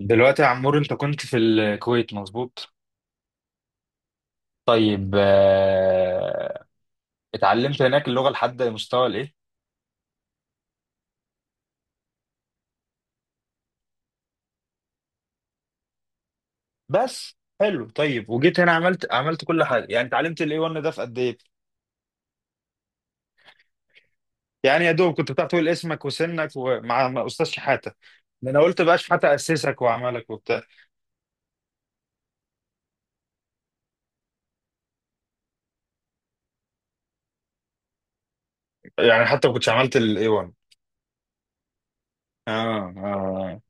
دلوقتي يا عمور، انت كنت في الكويت، مظبوط؟ طيب، اتعلمت هناك اللغة لحد مستوى الايه؟ بس حلو. طيب وجيت هنا، عملت كل حاجة. يعني اتعلمت الاي 1 ده في قد ايه؟ يعني يا دوب كنت بتعرف تقول اسمك وسنك ومع استاذ شحاتة. ده انا قلت بقى شحاتة اسسك وعملك وبتاع. يعني حتى ما كنتش عملت الاي 1. اه اه.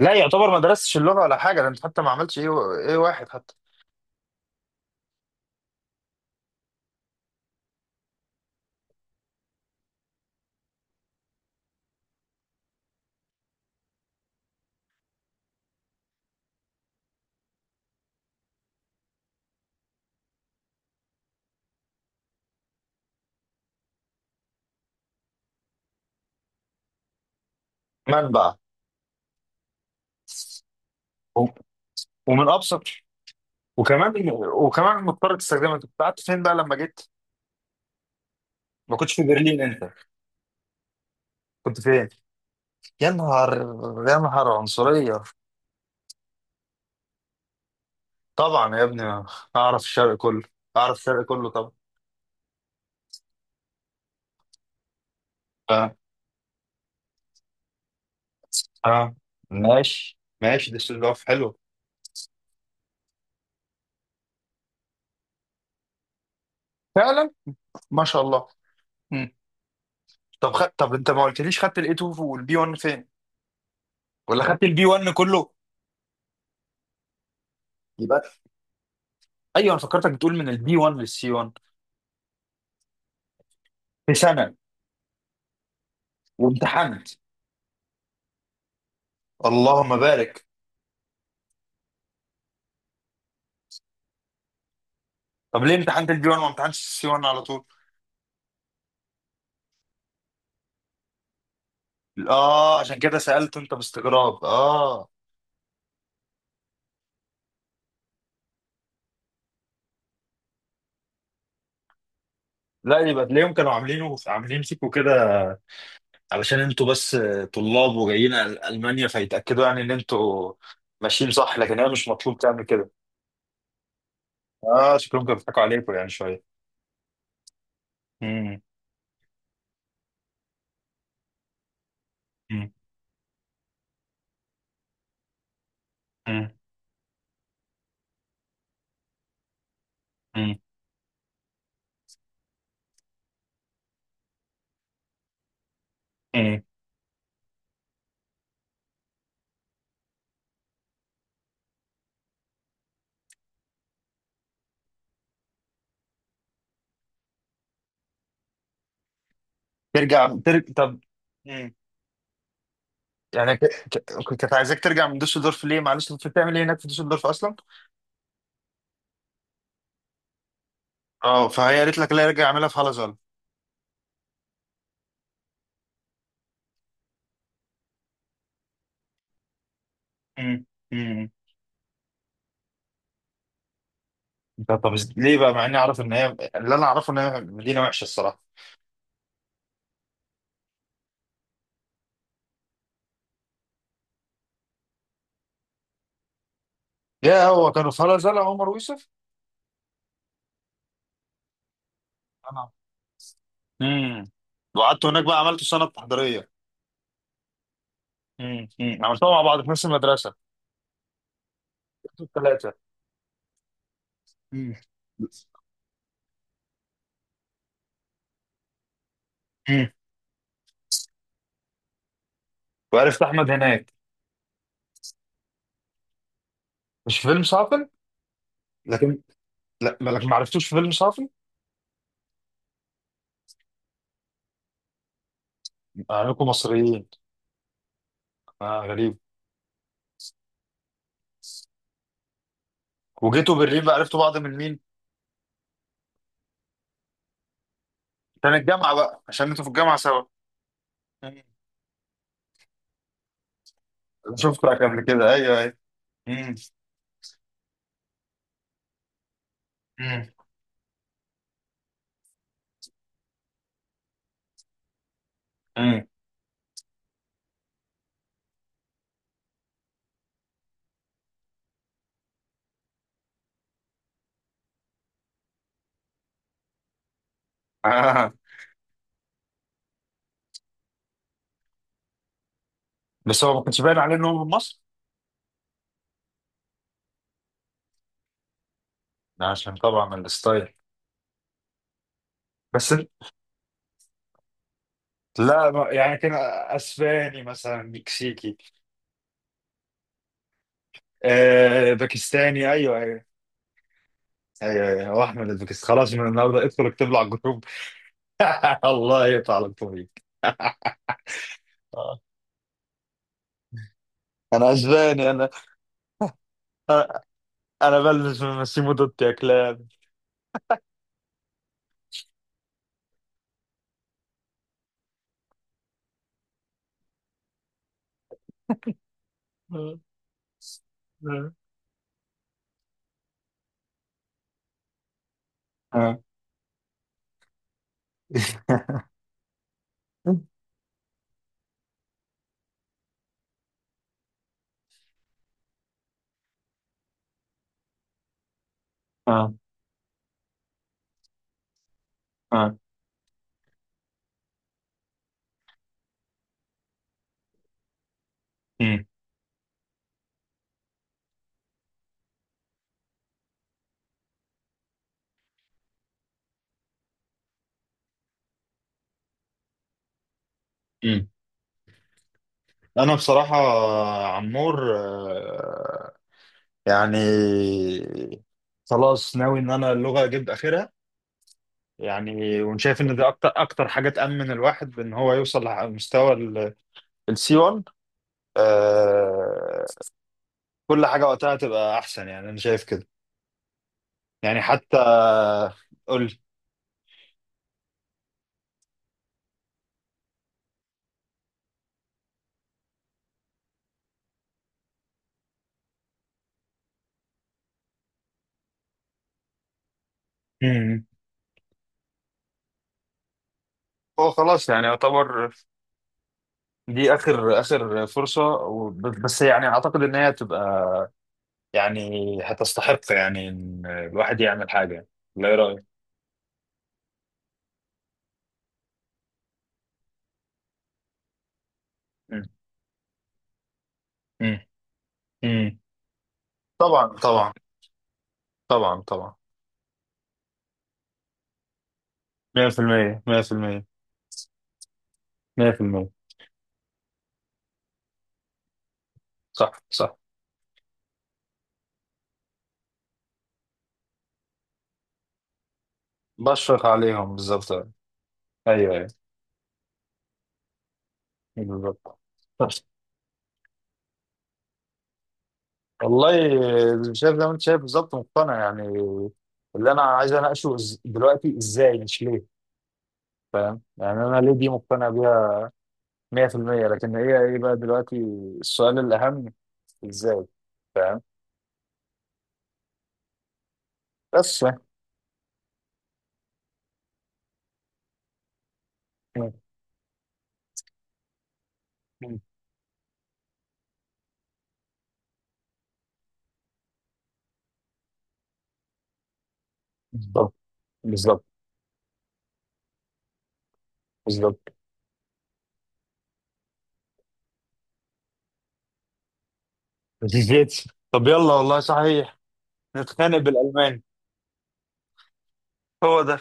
لا، يعتبر ما درستش اللغة ولا حاجة. ده انت حتى ما عملتش ايه، ايه واحد حتى. منبع. و- ومن ابسط. وكمان وكمان مضطر تستخدمها. انت كنت قعدت فين بقى لما جيت؟ ما كنتش في برلين انت؟ كنت فين؟ يا نهار. يا نهار عنصرية. طبعا يا ابني، اعرف الشرق كله. اعرف الشرق كله طبعا. اه اه. ماشي ماشي، ديسلدورف حلو. فعلا. ما شاء الله. مم. طب طب انت ما قلتليش، خدت الاي 2 والبي 1 فين؟ ولا خدت البي 1 كله؟ يبقى. ايوه، انا فكرتك بتقول من البي 1 للسي 1 في سنة وامتحنت. اللهم بارك. طب ليه امتحنت البي 1 وما امتحنتش السي 1 على طول؟ اه عشان كده سألت انت باستغراب، اه. لا، يبقى تلاقيهم كانوا عاملين فيكوا كده علشان انتوا بس طلاب وجايين ألمانيا، فيتأكدوا يعني ان انتوا ماشيين صح، لكن هي مش مطلوب تعمل كده. اه، شكلهم كانوا بيضحكوا عليكم يعني شوية. مم، مم، مم، مم، مم. طب. مم. يعني كنت عايزاك ترجع من دوسلدورف ليه؟ معلش، انت بتعمل ايه هناك في دوسلدورف اصلا؟ اه، فهي قالت لك لا، ارجع اعملها في هالازال. مم، مم. طب طب، ليه بقى؟ مع اني اعرف ان هي، اللي انا اعرفه ان هي مدينه وحشه الصراحه. يا هو كانوا في هلا زعل عمر ويوسف؟ انا، امم. وقعدت هناك بقى عملت سنه تحضيريه. امم. أمم. عملتها مع بعض في نفس المدرسه. الثلاثه. امم. امم. وعرفت احمد هناك؟ مش في فيلم صافن؟ لكن، لا، لكن ما عرفتوش في فيلم صافن. انكم مصريين. اه غريب. وجيتوا برلين بقى عرفتوا بعض من مين؟ كان الجامعه بقى عشان انتوا في الجامعه سوا. أمم. شفتك قبل كده، ايوه ايوه. امم. امم. أمم. بس هو ما كانش باين عليه ان هو من مصر. ده عشان طبعا الستايل. بس انت- لا، يعني كان اسباني مثلا، مكسيكي. آه، باكستاني، ايوه ايوه. ايوه ايوه، هو احمد الباكستاني خلاص. من النهارده ادخل اكتب له على الجروب. الله يقطع لك طريق. آه. انا اسباني انا. انا أنا بلبس من ماسيمو دوتي يا كلاب. آه. آه. آه. آه. مم. مم. انا بصراحه عمور، يعني خلاص ناوي ان انا اللغه اجيب اخرها. يعني وشايف ان دي اكتر اكتر حاجه تامن الواحد بان هو يوصل لمستوى السي 1. آه. كل حاجه وقتها تبقى احسن، يعني انا شايف كده. يعني حتى، قول لي. مم. هو خلاص يعني يعتبر دي اخر اخر فرصه، بس يعني اعتقد ان هي تبقى، يعني، هتستحق يعني ان الواحد يعمل حاجه. لا، ايه رايك؟ مم. مم. مم. طبعا طبعا طبعا طبعا. 100% 100% 100%. صح صح. بشفق عليهم بالظبط. ايوه ايوه، بالظبط. والله شايف زي ما انت شايف بالظبط، مقتنع يعني. اللي انا عايز اناقشه، دلوقتي ازاي، مش ليه. فاهم؟ يعني انا ليه دي مقتنع بيها 100%. لكن هي ايه بقى دلوقتي السؤال الاهم؟ ازاي. فاهم؟ بس يعني. م- م- بالظبط، بالظبط، بالظبط. طب يلا، والله صحيح. نتخانق بالالماني. هو ده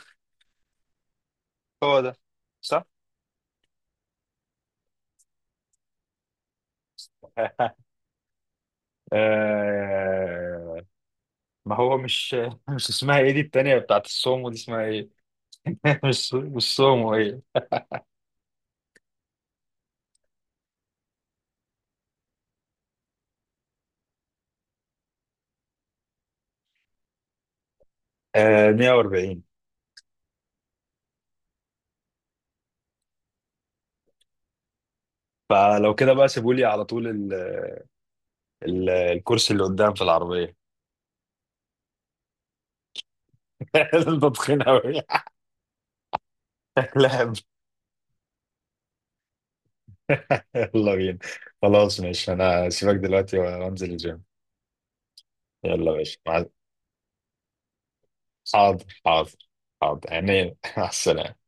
هو ده، صح. آه. ما هو مش مش اسمها ايه دي؟ التانية بتاعت السومو دي اسمها ايه؟ مش سومو، ايه؟ آه، 140. فلو كده بقى سيبوا لي على طول ال، ال الكرسي اللي قدام في العربية. انت تخين أوي. لعب. يلا بينا. خلاص ماشي، أنا سيبك دلوقتي وأنزل الجيم. يلا ماشي حاضر حاضر. حاضر عينيا. مع السلامة.